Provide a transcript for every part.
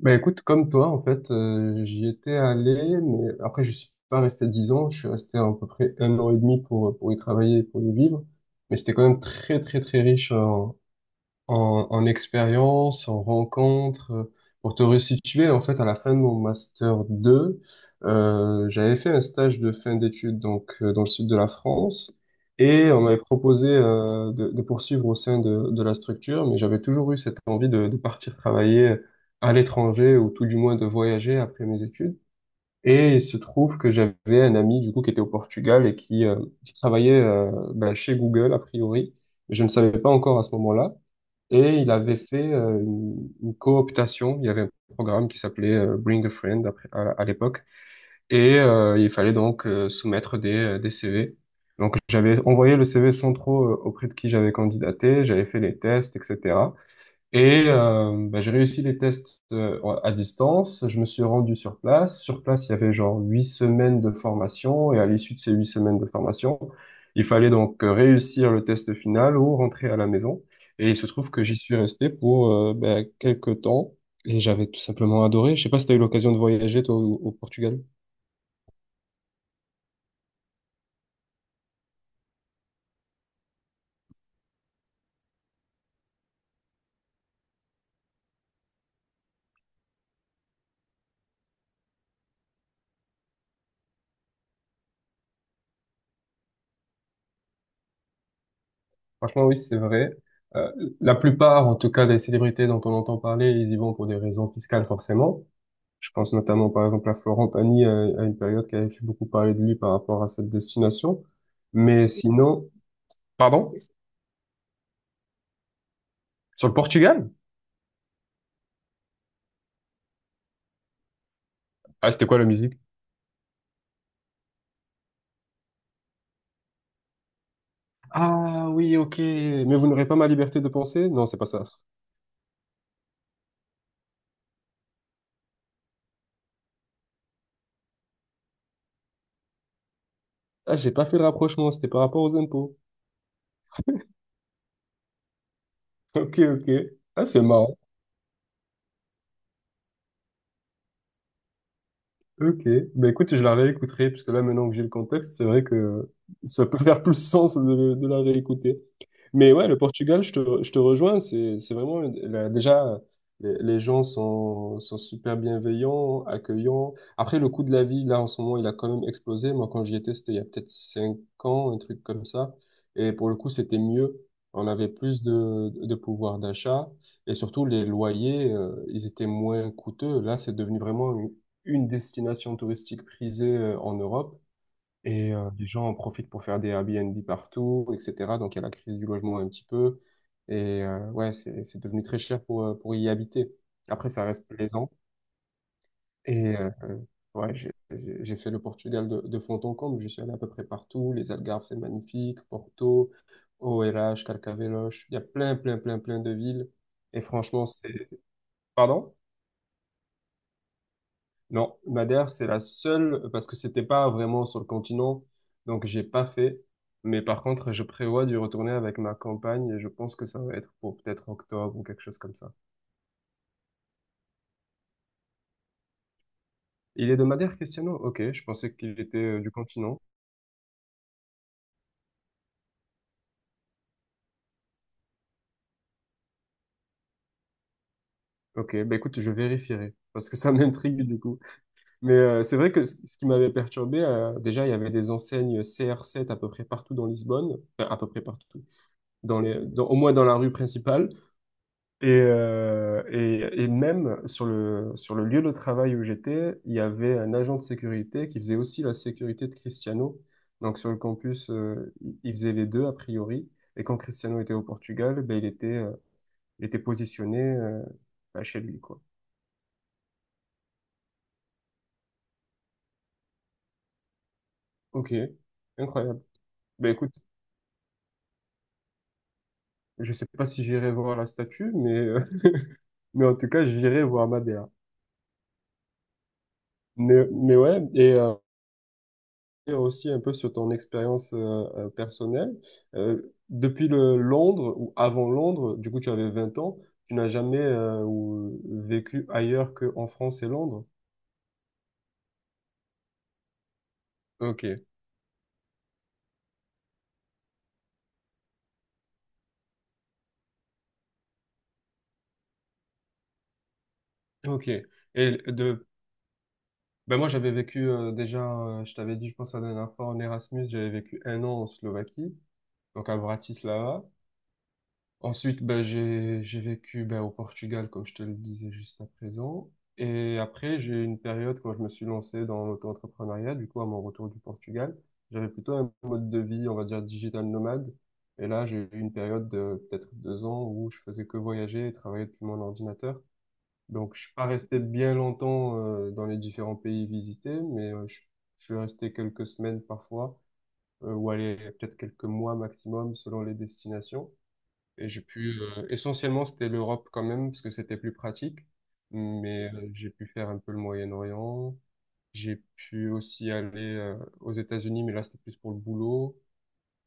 Bah écoute, comme toi, en fait, j'y étais allé, mais après, je suis pas resté 10 ans, je suis resté à, peu près 1 an et demi pour y travailler et pour y vivre. Mais c'était quand même très, très, très riche en, en expérience, en rencontre. Pour te resituer, en fait, à la fin de mon master 2, j'avais fait un stage de fin d'études donc dans le sud de la France et on m'avait proposé de poursuivre au sein de la structure, mais j'avais toujours eu cette envie de partir travailler à l'étranger ou tout du moins de voyager après mes études. Et il se trouve que j'avais un ami du coup qui était au Portugal et qui travaillait chez Google a priori, mais je ne savais pas encore à ce moment-là. Et il avait fait une cooptation. Il y avait un programme qui s'appelait Bring a Friend à l'époque. Il fallait donc soumettre des CV. Donc j'avais envoyé le CV sans trop auprès de qui j'avais candidaté. J'avais fait les tests, etc. J'ai réussi les tests à distance. Je me suis rendu sur place. Sur place, il y avait genre 8 semaines de formation. Et à l'issue de ces 8 semaines de formation, il fallait donc réussir le test final ou rentrer à la maison. Et il se trouve que j'y suis resté pour quelques temps. Et j'avais tout simplement adoré. Je sais pas si tu as eu l'occasion de voyager, toi, au Portugal. Franchement, oui, c'est vrai. Euh, la plupart, en tout cas, des célébrités dont on entend parler, ils y vont pour des raisons fiscales, forcément. Je pense notamment, par exemple, à Florent Pagny, à une période qui avait fait beaucoup parler de lui par rapport à cette destination. Mais sinon, pardon? Sur le Portugal? Ah, c'était quoi la musique? Ah oui, ok. Mais vous n'aurez pas ma liberté de penser? Non, c'est pas ça. Ah, j'ai pas fait le rapprochement, c'était par rapport aux impôts. Ok, ok. Ah, c'est marrant. Ok, bah écoute, je la réécouterai, parce que là, maintenant que j'ai le contexte, c'est vrai que ça peut faire plus sens de la réécouter. Mais ouais, le Portugal, je te rejoins, c'est vraiment, là, déjà, les gens sont super bienveillants, accueillants. Après, le coût de la vie, là, en ce moment, il a quand même explosé. Moi, quand j'y étais, c'était il y a peut-être 5 ans, un truc comme ça. Et pour le coup, c'était mieux. On avait plus de pouvoir d'achat. Et surtout, les loyers, ils étaient moins coûteux. Là, c'est devenu vraiment une destination touristique prisée en Europe et les gens en profitent pour faire des Airbnb partout, etc. Donc il y a la crise du logement un petit peu et ouais, c'est devenu très cher pour y habiter. Après, ça reste plaisant et ouais, j'ai fait le Portugal de fond en comble, je suis allé à peu près partout, les Algarves c'est magnifique, Porto, OLH, Carcavelos, il y a plein, plein, plein, plein de villes et franchement, c'est... Pardon? Non, Madère, c'est la seule, parce que c'était pas vraiment sur le continent, donc j'ai pas fait. Mais par contre, je prévois d'y retourner avec ma campagne et je pense que ça va être pour peut-être octobre ou quelque chose comme ça. Il est de Madère, Cristiano? Ok, je pensais qu'il était du continent. Ok, bah écoute, je vérifierai, parce que ça m'intrigue du coup. C'est vrai que ce qui m'avait perturbé, déjà, il y avait des enseignes CR7 à peu près partout dans Lisbonne, enfin, à peu près partout, au moins dans la rue principale. Et même sur le lieu de travail où j'étais, il y avait un agent de sécurité qui faisait aussi la sécurité de Cristiano. Donc sur le campus, il faisait les deux a priori. Et quand Cristiano était au Portugal, ben, il était positionné chez lui, quoi. Ok, incroyable. Ben écoute, je sais pas si j'irai voir la statue, mais en tout cas, j'irai voir Madea. Mais ouais, et, aussi un peu sur ton expérience personnelle. Depuis le Londres ou avant Londres, du coup tu avais 20 ans, tu n'as jamais vécu ailleurs qu'en France et Londres? Ok, ok. Et de, ben moi j'avais vécu déjà, je t'avais dit, je pense la dernière fois en Erasmus, j'avais vécu 1 an en Slovaquie, donc à Bratislava. Ensuite, ben, j'ai vécu ben, au Portugal, comme je te le disais juste à présent. Et après, j'ai eu une période quand je me suis lancé dans l'auto-entrepreneuriat, du coup, à mon retour du Portugal, j'avais plutôt un mode de vie, on va dire, digital nomade. Et là, j'ai eu une période de peut-être 2 ans où je faisais que voyager et travailler depuis mon ordinateur. Donc, je suis pas resté bien longtemps dans les différents pays visités, mais je suis resté quelques semaines parfois, ou aller peut-être quelques mois maximum selon les destinations. Et j'ai pu, essentiellement, c'était l'Europe quand même, parce que c'était plus pratique. Mais j'ai pu faire un peu le Moyen-Orient. J'ai pu aussi aller aux États-Unis, mais là, c'était plus pour le boulot.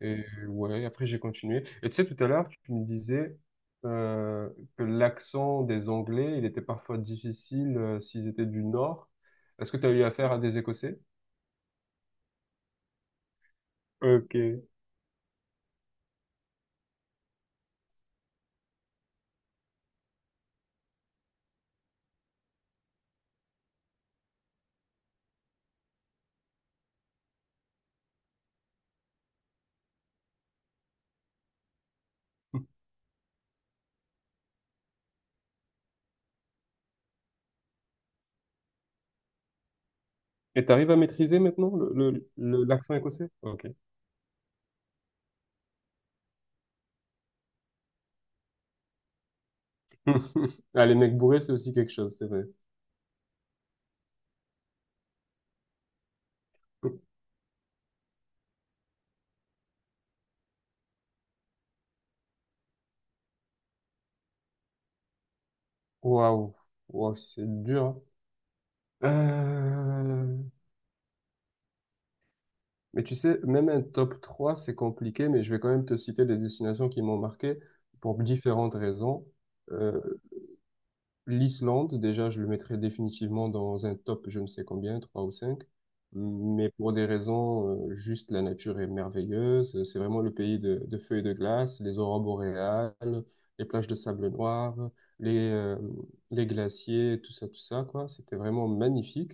Ouais, après, j'ai continué. Et tu sais, tout à l'heure, tu me disais euh, que l'accent des Anglais, il était parfois difficile s'ils étaient du Nord. Est-ce que tu as eu affaire à des Écossais? Ok. Et t'arrives à maîtriser maintenant l'accent écossais? Ok. Ah, les mecs bourrés, c'est aussi quelque chose, c'est vrai. Waouh, waouh, c'est dur, hein. Mais tu sais, même un top 3, c'est compliqué, mais je vais quand même te citer des destinations qui m'ont marqué pour différentes raisons. Euh, L'Islande, déjà, je le mettrais définitivement dans un top, je ne sais combien, 3 ou 5. Mais pour des raisons, juste la nature est merveilleuse. C'est vraiment le pays de feux et de glace, les aurores boréales, les plages de sable noir, les, euh, les glaciers, tout ça, quoi. C'était vraiment magnifique.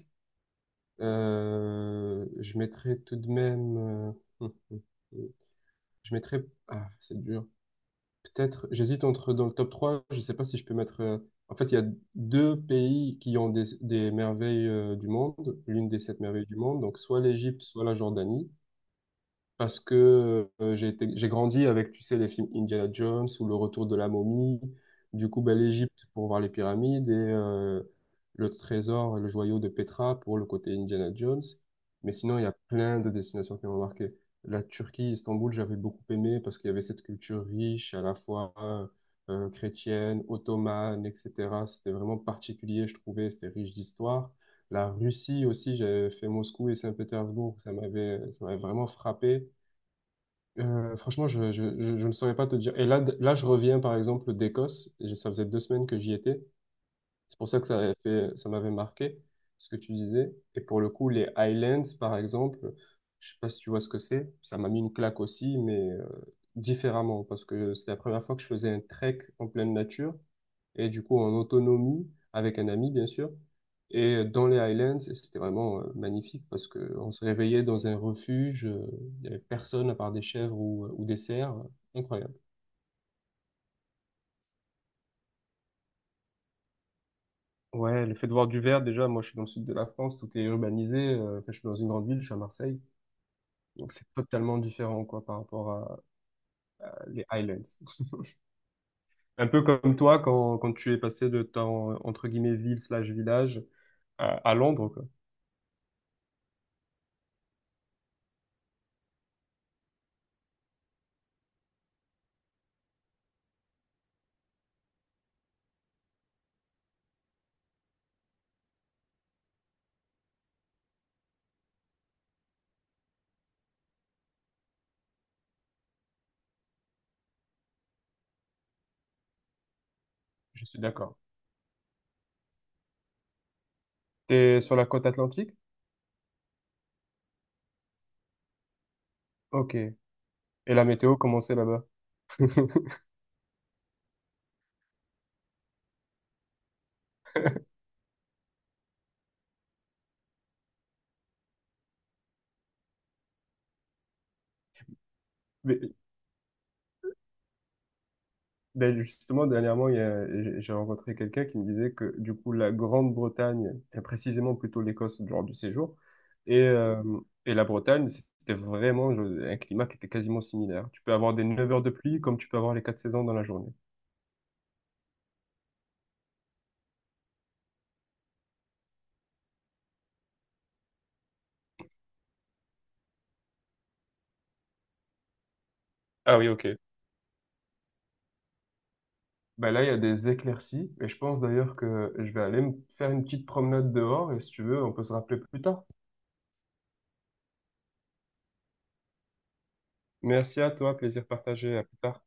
Je mettrais tout de même, je mettrais. Ah, c'est dur. Peut-être. J'hésite entre dans le top 3. Je ne sais pas si je peux mettre, en fait, il y a deux pays qui ont des merveilles du monde, l'une des sept merveilles du monde. Donc, soit l'Égypte, soit la Jordanie parce que j'ai grandi avec, tu sais, les films Indiana Jones ou Le Retour de la momie. Du coup, ben, l'Égypte pour voir les pyramides et le trésor et le joyau de Petra pour le côté Indiana Jones. Mais sinon, il y a plein de destinations qui m'ont marqué. La Turquie, Istanbul, j'avais beaucoup aimé parce qu'il y avait cette culture riche, à la fois chrétienne, ottomane, etc. C'était vraiment particulier, je trouvais, c'était riche d'histoire. La Russie aussi, j'avais fait Moscou et Saint-Pétersbourg, ça m'avait vraiment frappé. Franchement, je ne saurais pas te dire et je reviens, par exemple, d'Écosse. J'ai Ça faisait 2 semaines que j'y étais, c'est pour ça que ça m'avait marqué ce que tu disais. Et pour le coup, les Highlands, par exemple, je sais pas si tu vois ce que c'est, ça m'a mis une claque aussi, mais différemment, parce que c'est la première fois que je faisais un trek en pleine nature, et du coup en autonomie, avec un ami, bien sûr. Et dans les Highlands, et c'était vraiment magnifique parce que on se réveillait dans un refuge, il y avait personne à part des chèvres ou des cerfs, incroyable. Ouais, le fait de voir du vert, déjà, moi je suis dans le sud de la France, tout est urbanisé, enfin, je suis dans une grande ville, je suis à Marseille, donc c'est totalement différent quoi par rapport à les Highlands. Un peu comme toi quand, quand tu es passé de ta entre guillemets ville slash village à Londres, quoi. Je suis d'accord. T'es sur la côte atlantique? Ok. Et la météo, comment c'est là-bas? Mais ben justement, dernièrement, j'ai rencontré quelqu'un qui me disait que du coup, la Grande-Bretagne, très précisément plutôt l'Écosse lors du séjour, et, euh, et la Bretagne, c'était vraiment un climat qui était quasiment similaire. Tu peux avoir des 9 heures de pluie comme tu peux avoir les 4 saisons dans la journée. Ah oui, ok. Ben là, il y a des éclaircies, et je pense d'ailleurs que je vais aller me faire une petite promenade dehors, et si tu veux, on peut se rappeler plus tard. Merci à toi, plaisir partagé, à plus tard.